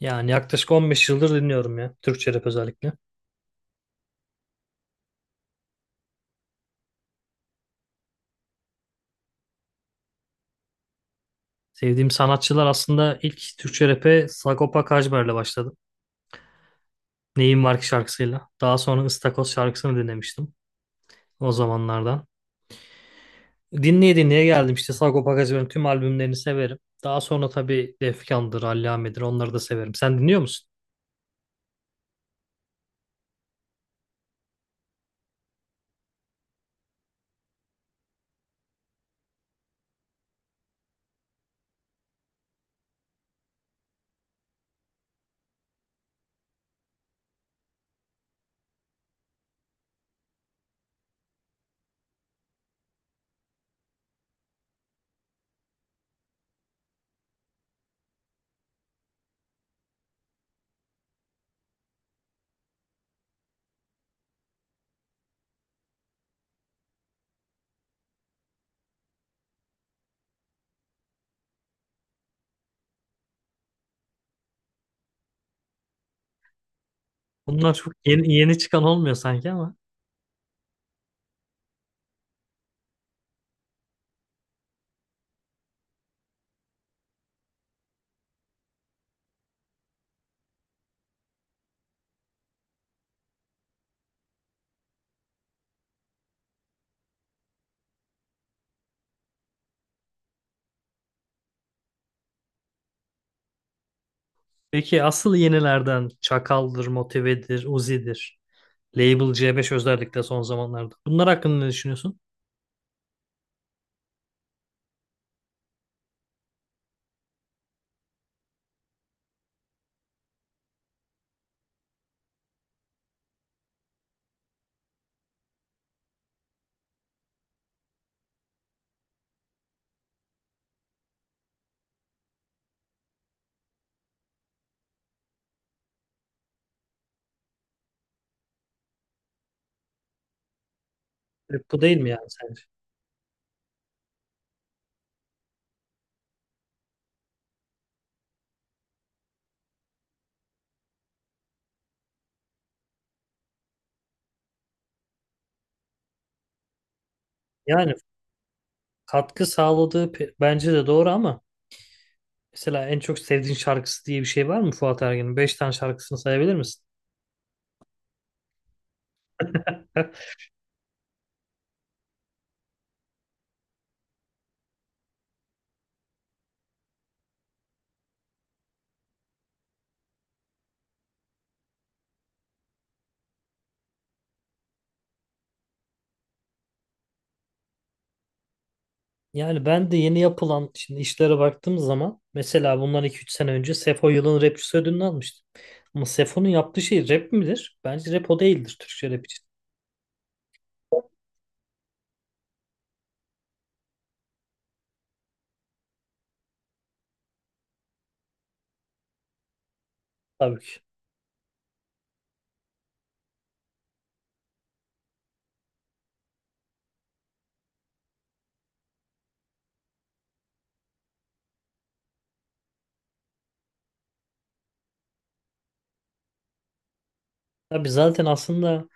Yani yaklaşık 15 yıldır dinliyorum ya. Türkçe rap özellikle. Sevdiğim sanatçılar aslında ilk Türkçe rap'e Sagopa Kajmer'le başladım. Neyim Var Ki şarkısıyla. Daha sonra Istakoz şarkısını dinlemiştim o zamanlardan. Dinleye dinleye geldim işte Sagopa Kajmer'in tüm albümlerini severim. Daha sonra tabii Defkan'dır, Allame'dir, onları da severim. Sen dinliyor musun? Bunlar çok yeni, yeni çıkan olmuyor sanki ama. Peki asıl yenilerden Çakal'dır, Motive'dir, Uzi'dir. Label C5 özellikle son zamanlarda. Bunlar hakkında ne düşünüyorsun? Bu değil mi yani sence? Yani katkı sağladığı bence de doğru, ama mesela en çok sevdiğin şarkısı diye bir şey var mı Fuat Ergen'in? Beş tane şarkısını sayabilir misin? Yani ben de yeni yapılan şimdi işlere baktığım zaman, mesela bundan iki üç sene önce Sefo yılın rapçisi ödülünü almıştı. Ama Sefo'nun yaptığı şey rap midir? Bence rap o değildir Türkçe rap için. Tabii ki. Tabii zaten aslında,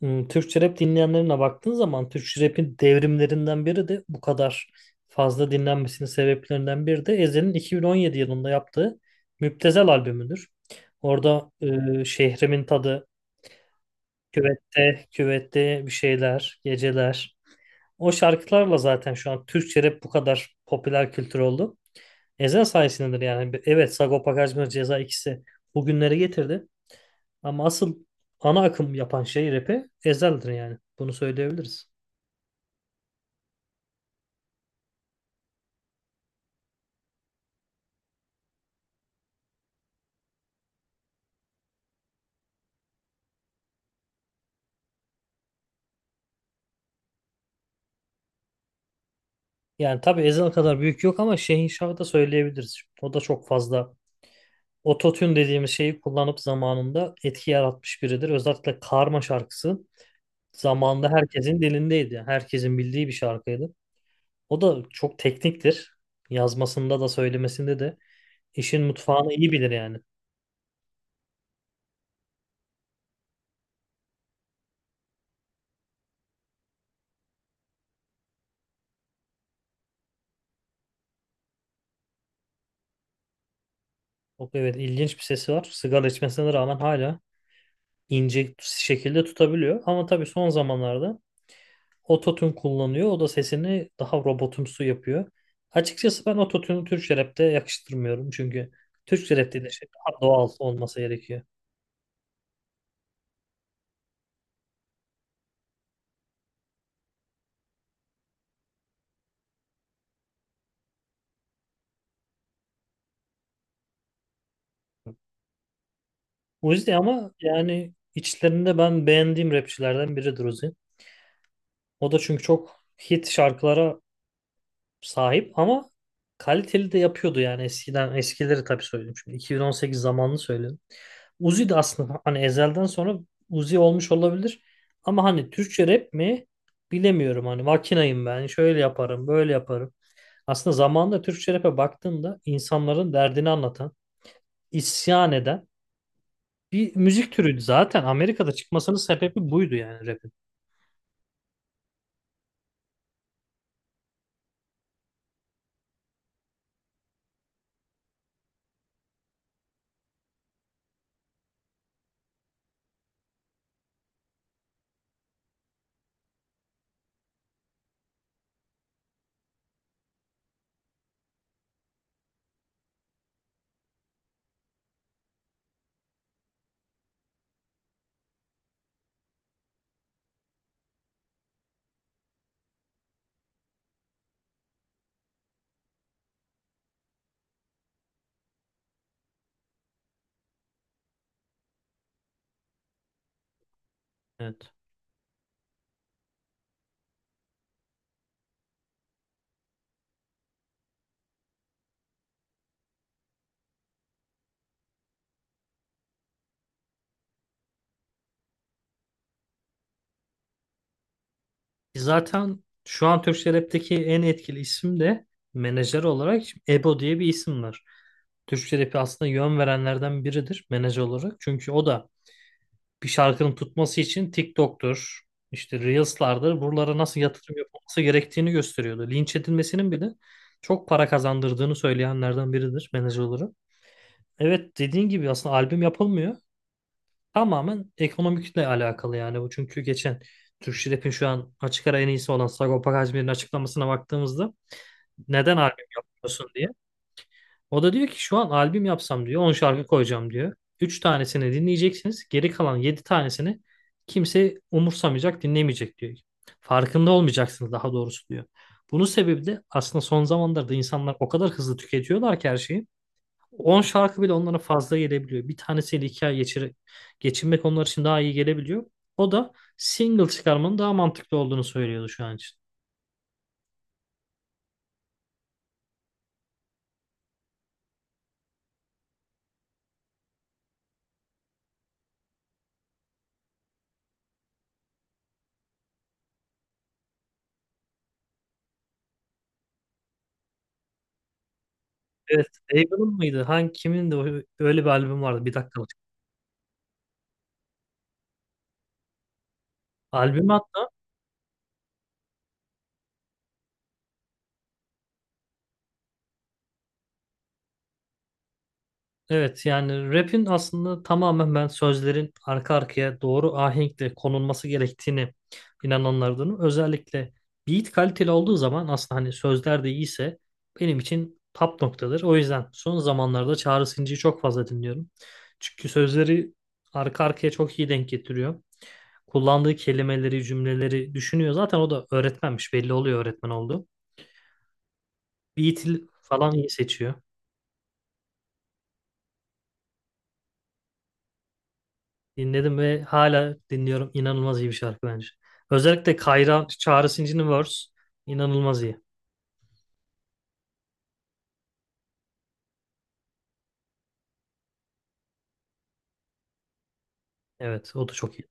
Türkçe rap dinleyenlerine baktığın zaman Türkçe rap'in devrimlerinden biri de, bu kadar fazla dinlenmesinin sebeplerinden biri de Ezhel'in 2017 yılında yaptığı Müptezel albümüdür. Orada şehrimin tadı, küvette, küvette bir şeyler, geceler. O şarkılarla zaten şu an Türkçe rap bu kadar popüler kültür oldu. Ezhel sayesindedir yani. Evet, Sagopa Kajmer, Ceza ikisi bugünlere getirdi. Ama asıl ana akım yapan şey rap'i Ezhel'dir yani. Bunu söyleyebiliriz. Yani tabii Ezhel kadar büyük yok, ama Şehin Şah'ı da söyleyebiliriz. O da çok fazla ototune dediğimiz şeyi kullanıp zamanında etki yaratmış biridir. Özellikle Karma şarkısı zamanında herkesin dilindeydi. Yani herkesin bildiği bir şarkıydı. O da çok tekniktir. Yazmasında da söylemesinde de işin mutfağını iyi bilir yani. Çok evet, ilginç bir sesi var. Sigara içmesine rağmen hala ince şekilde tutabiliyor. Ama tabii son zamanlarda ototune kullanıyor. O da sesini daha robotumsu yapıyor. Açıkçası ben ototune'u Türkçe rap'te yakıştırmıyorum. Çünkü Türkçe rap de şey, daha doğal olması gerekiyor. Uzi ama yani içlerinde ben beğendiğim rapçilerden biridir Uzi. O da çünkü çok hit şarkılara sahip, ama kaliteli de yapıyordu yani eskiden, eskileri tabii söyledim, şimdi 2018 zamanını söyledim. Uzi de aslında hani Ezel'den sonra Uzi olmuş olabilir, ama hani Türkçe rap mi bilemiyorum, hani makinayım ben, şöyle yaparım, böyle yaparım. Aslında zamanında Türkçe rap'e baktığında insanların derdini anlatan, isyan eden bir müzik türüydü zaten. Amerika'da çıkmasının sebebi buydu yani rap'in. Evet. Zaten şu an Türkçe rap'teki en etkili isim de menajer olarak Ebo diye bir isim var. Türkçe rap'i aslında yön verenlerden biridir menajer olarak. Çünkü o da bir şarkının tutması için TikTok'tur, işte Reels'lardır. Buralara nasıl yatırım yapılması gerektiğini gösteriyordu. Linç edilmesinin bile çok para kazandırdığını söyleyenlerden biridir menajer olarak. Evet, dediğin gibi aslında albüm yapılmıyor. Tamamen ekonomikle alakalı yani bu. Çünkü geçen Türk Rap'in şu an açık ara en iyisi olan Sagopa Kajmer'in açıklamasına baktığımızda, neden albüm yapmıyorsun diye. O da diyor ki şu an albüm yapsam, diyor, 10 şarkı koyacağım, diyor. Üç tanesini dinleyeceksiniz. Geri kalan 7 tanesini kimse umursamayacak, dinlemeyecek, diyor. Farkında olmayacaksınız daha doğrusu, diyor. Bunun sebebi de aslında son zamanlarda insanlar o kadar hızlı tüketiyorlar ki her şeyi. 10 şarkı bile onlara fazla gelebiliyor. Bir tanesiyle iki ay geçir, geçinmek onlar için daha iyi gelebiliyor. O da single çıkarmanın daha mantıklı olduğunu söylüyordu şu an için. Evet, Eagle'ın mıydı? Hangi, kimin de öyle bir albüm vardı? 1 dakikalık. Albüm at. Evet yani rap'in aslında tamamen ben sözlerin arka arkaya doğru ahenkle konulması gerektiğini inananlardanım. Özellikle beat kaliteli olduğu zaman aslında hani sözler de iyiyse benim için top noktadır. O yüzden son zamanlarda Çağrı Sıncı'yı çok fazla dinliyorum. Çünkü sözleri arka arkaya çok iyi denk getiriyor. Kullandığı kelimeleri, cümleleri düşünüyor. Zaten o da öğretmenmiş, belli oluyor öğretmen olduğu. Beat falan iyi seçiyor. Dinledim ve hala dinliyorum. İnanılmaz iyi bir şarkı bence. Özellikle Kayra Çağrı Sinci'nin verse inanılmaz iyi. Evet, o da çok iyi.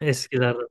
Eskilerden.